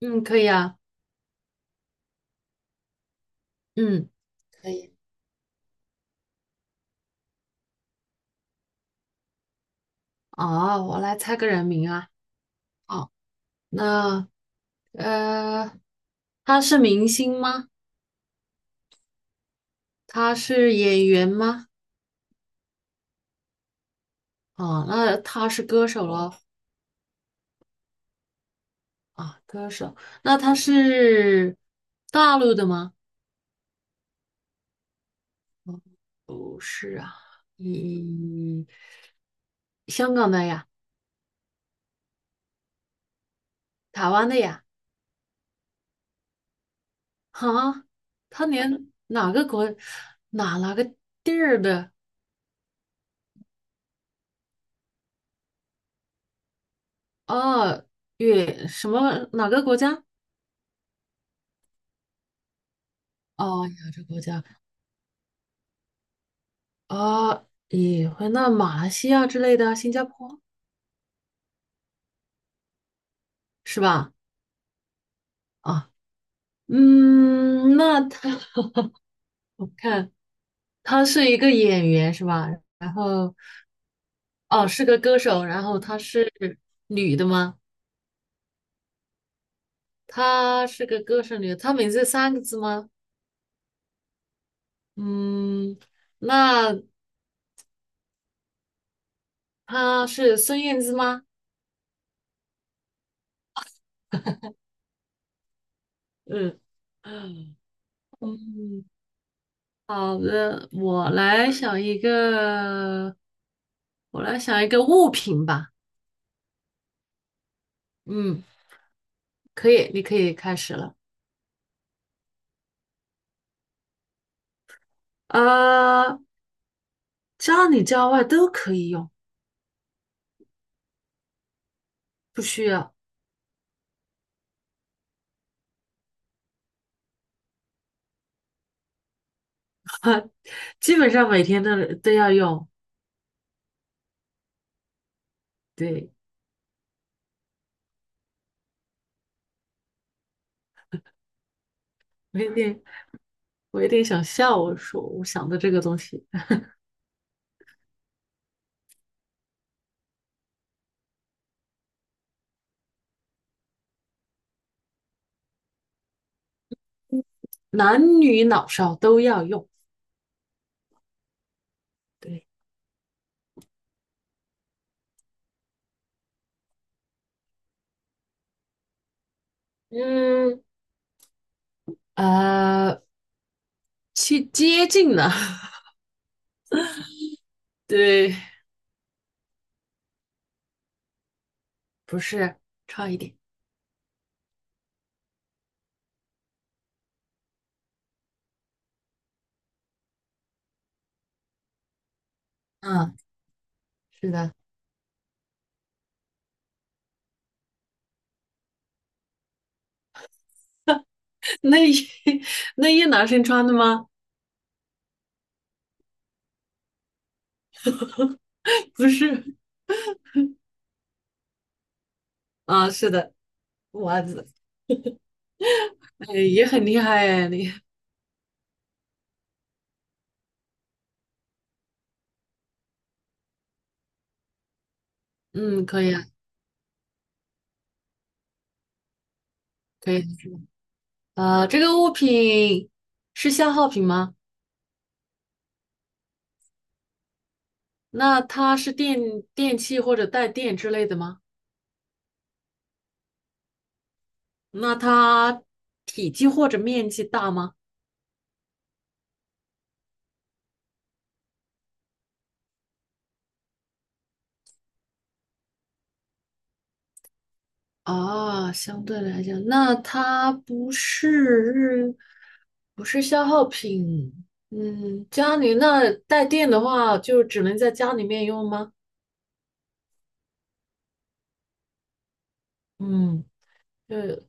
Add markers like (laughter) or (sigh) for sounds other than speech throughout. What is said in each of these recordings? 嗯，可以啊。嗯，可以。哦，我来猜个人名啊。哦，那呃，他是明星吗？他是演员吗？哦，那他是歌手咯。啊，歌手。那他是大陆的吗？不是啊。咦，香港的呀？台湾的呀？哈，他连哪个国，哪个地儿的？哦，越什么哪个国家？哦，亚洲国家。啊，也会那马来西亚之类的，新加坡是吧？啊，嗯，那他，我看他是一个演员是吧？然后哦，是个歌手，然后她是女的吗？她是个歌手女的，她名字三个字吗？嗯，那她是孙燕姿吗？嗯嗯，好的，我来想一个，我来想一个物品吧。嗯，可以，你可以开始了。啊，家里家外都可以用。不需要。(laughs) 啊，基本上每天都都要用。对。我有点，我有点想笑，我说我想的这个东西，男女老少都要用。对。嗯，啊，去接近了。(laughs) 对。不是，差一点。嗯，是的。内衣 (laughs) 内衣男生 (laughs) 穿的吗？不是。啊，是的，袜子。哎，也很厉害哎，你。嗯，可以啊。可以。啊，这个物品是消耗品吗？那它是电，电器或者带电之类的吗？那它体积或者面积大吗？啊，相对来讲，那它不是，不是消耗品。嗯，家里那带电的话，就只能在家里面用吗？嗯。就是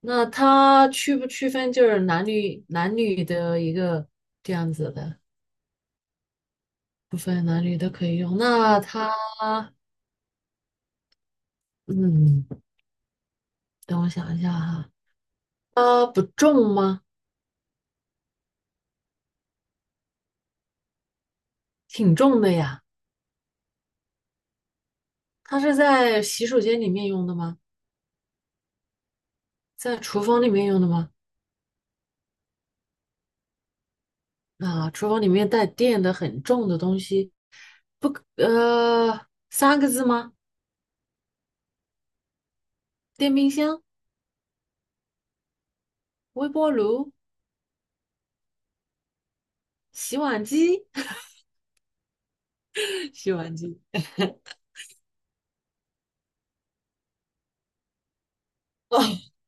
那它区不区分就是男女男女的一个这样子的？不分男女都可以用。那它，嗯，等我想一下哈，它不重吗？挺重的呀。它是在洗手间里面用的吗？在厨房里面用的吗？啊，厨房里面带电的很重的东西，不可，三个字吗？电冰箱、微波炉、洗碗机、(laughs) 洗碗机。(laughs)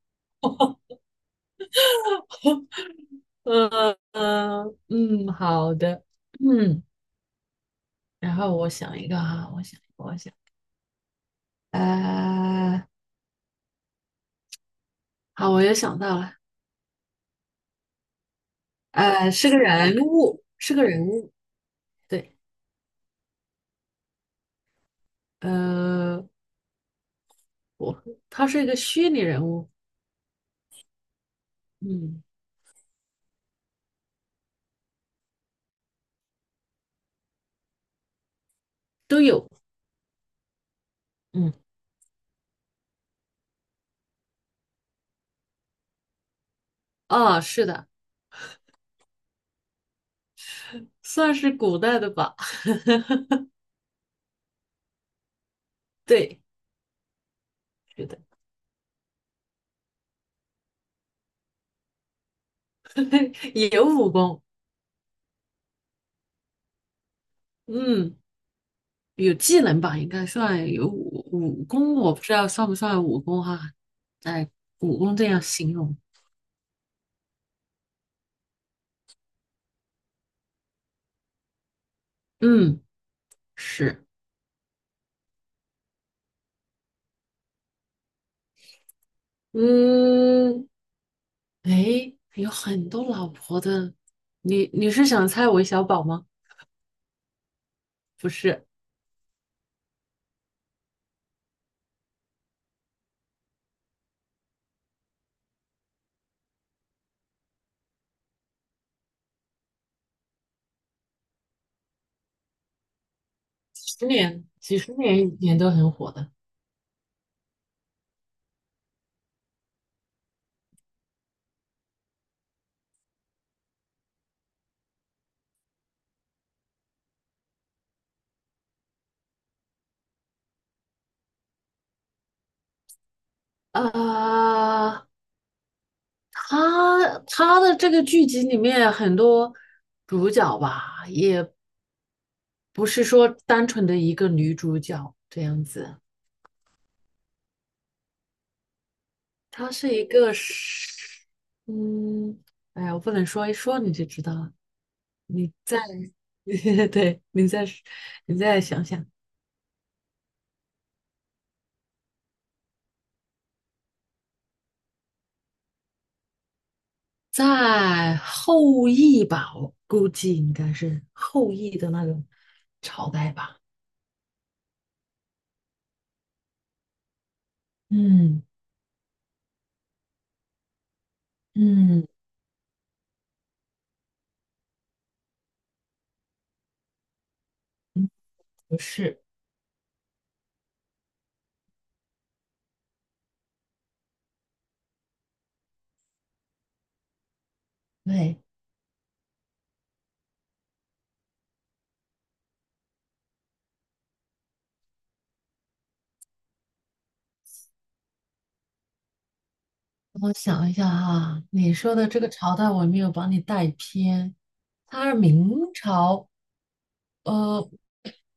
好的。嗯，然后我想一个哈，我想一个，我想，呃，好，我又想到了。呃，是个人物，是个人物。对。呃，我他是一个虚拟人物。嗯，都有。嗯，啊，是的，算是古代的吧。(laughs) 对，是的。(laughs) 也有武功。嗯，有技能吧，应该算有武功，我不知道算不算武功哈。哎，武功这样形容。嗯，是。嗯，哎，有很多老婆的。你是想猜韦小宝吗？不是。几十年，几十年以前都很火的。啊，他的这个剧集里面很多主角吧，也不是说单纯的一个女主角这样子。他是一个是，嗯，哎呀，我不能说，一说你就知道了。你在。(laughs) 对，你再想想。在后羿吧，我估计应该是后羿的那个朝代吧。嗯嗯嗯，不是。对，我想一下哈，你说的这个朝代我没有把你带偏。他是明朝。呃，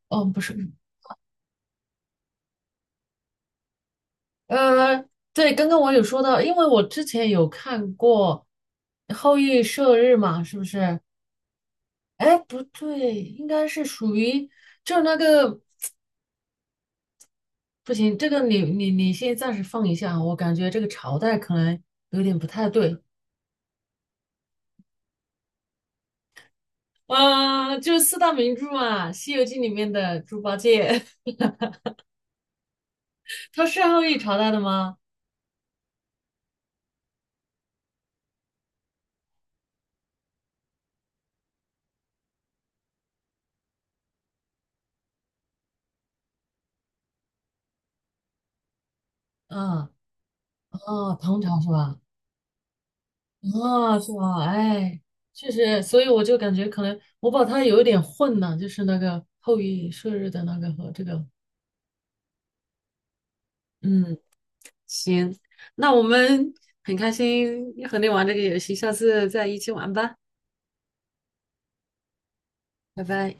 哦，不是。呃，对，刚刚我有说到，因为我之前有看过《后羿射日》嘛，是不是？哎，不对，应该是属于就是那个不行，这个你先暂时放一下啊，我感觉这个朝代可能有点不太对。啊，就是四大名著嘛，《西游记》里面的猪八戒。(laughs) 他是后羿朝代的吗？啊啊,唐朝是吧？啊，是吧？哎，确实，所以我就感觉可能我把它有一点混了，就是那个后羿射日的那个和这个。嗯。行，那我们很开心和你玩这个游戏，下次再一起玩吧，拜拜。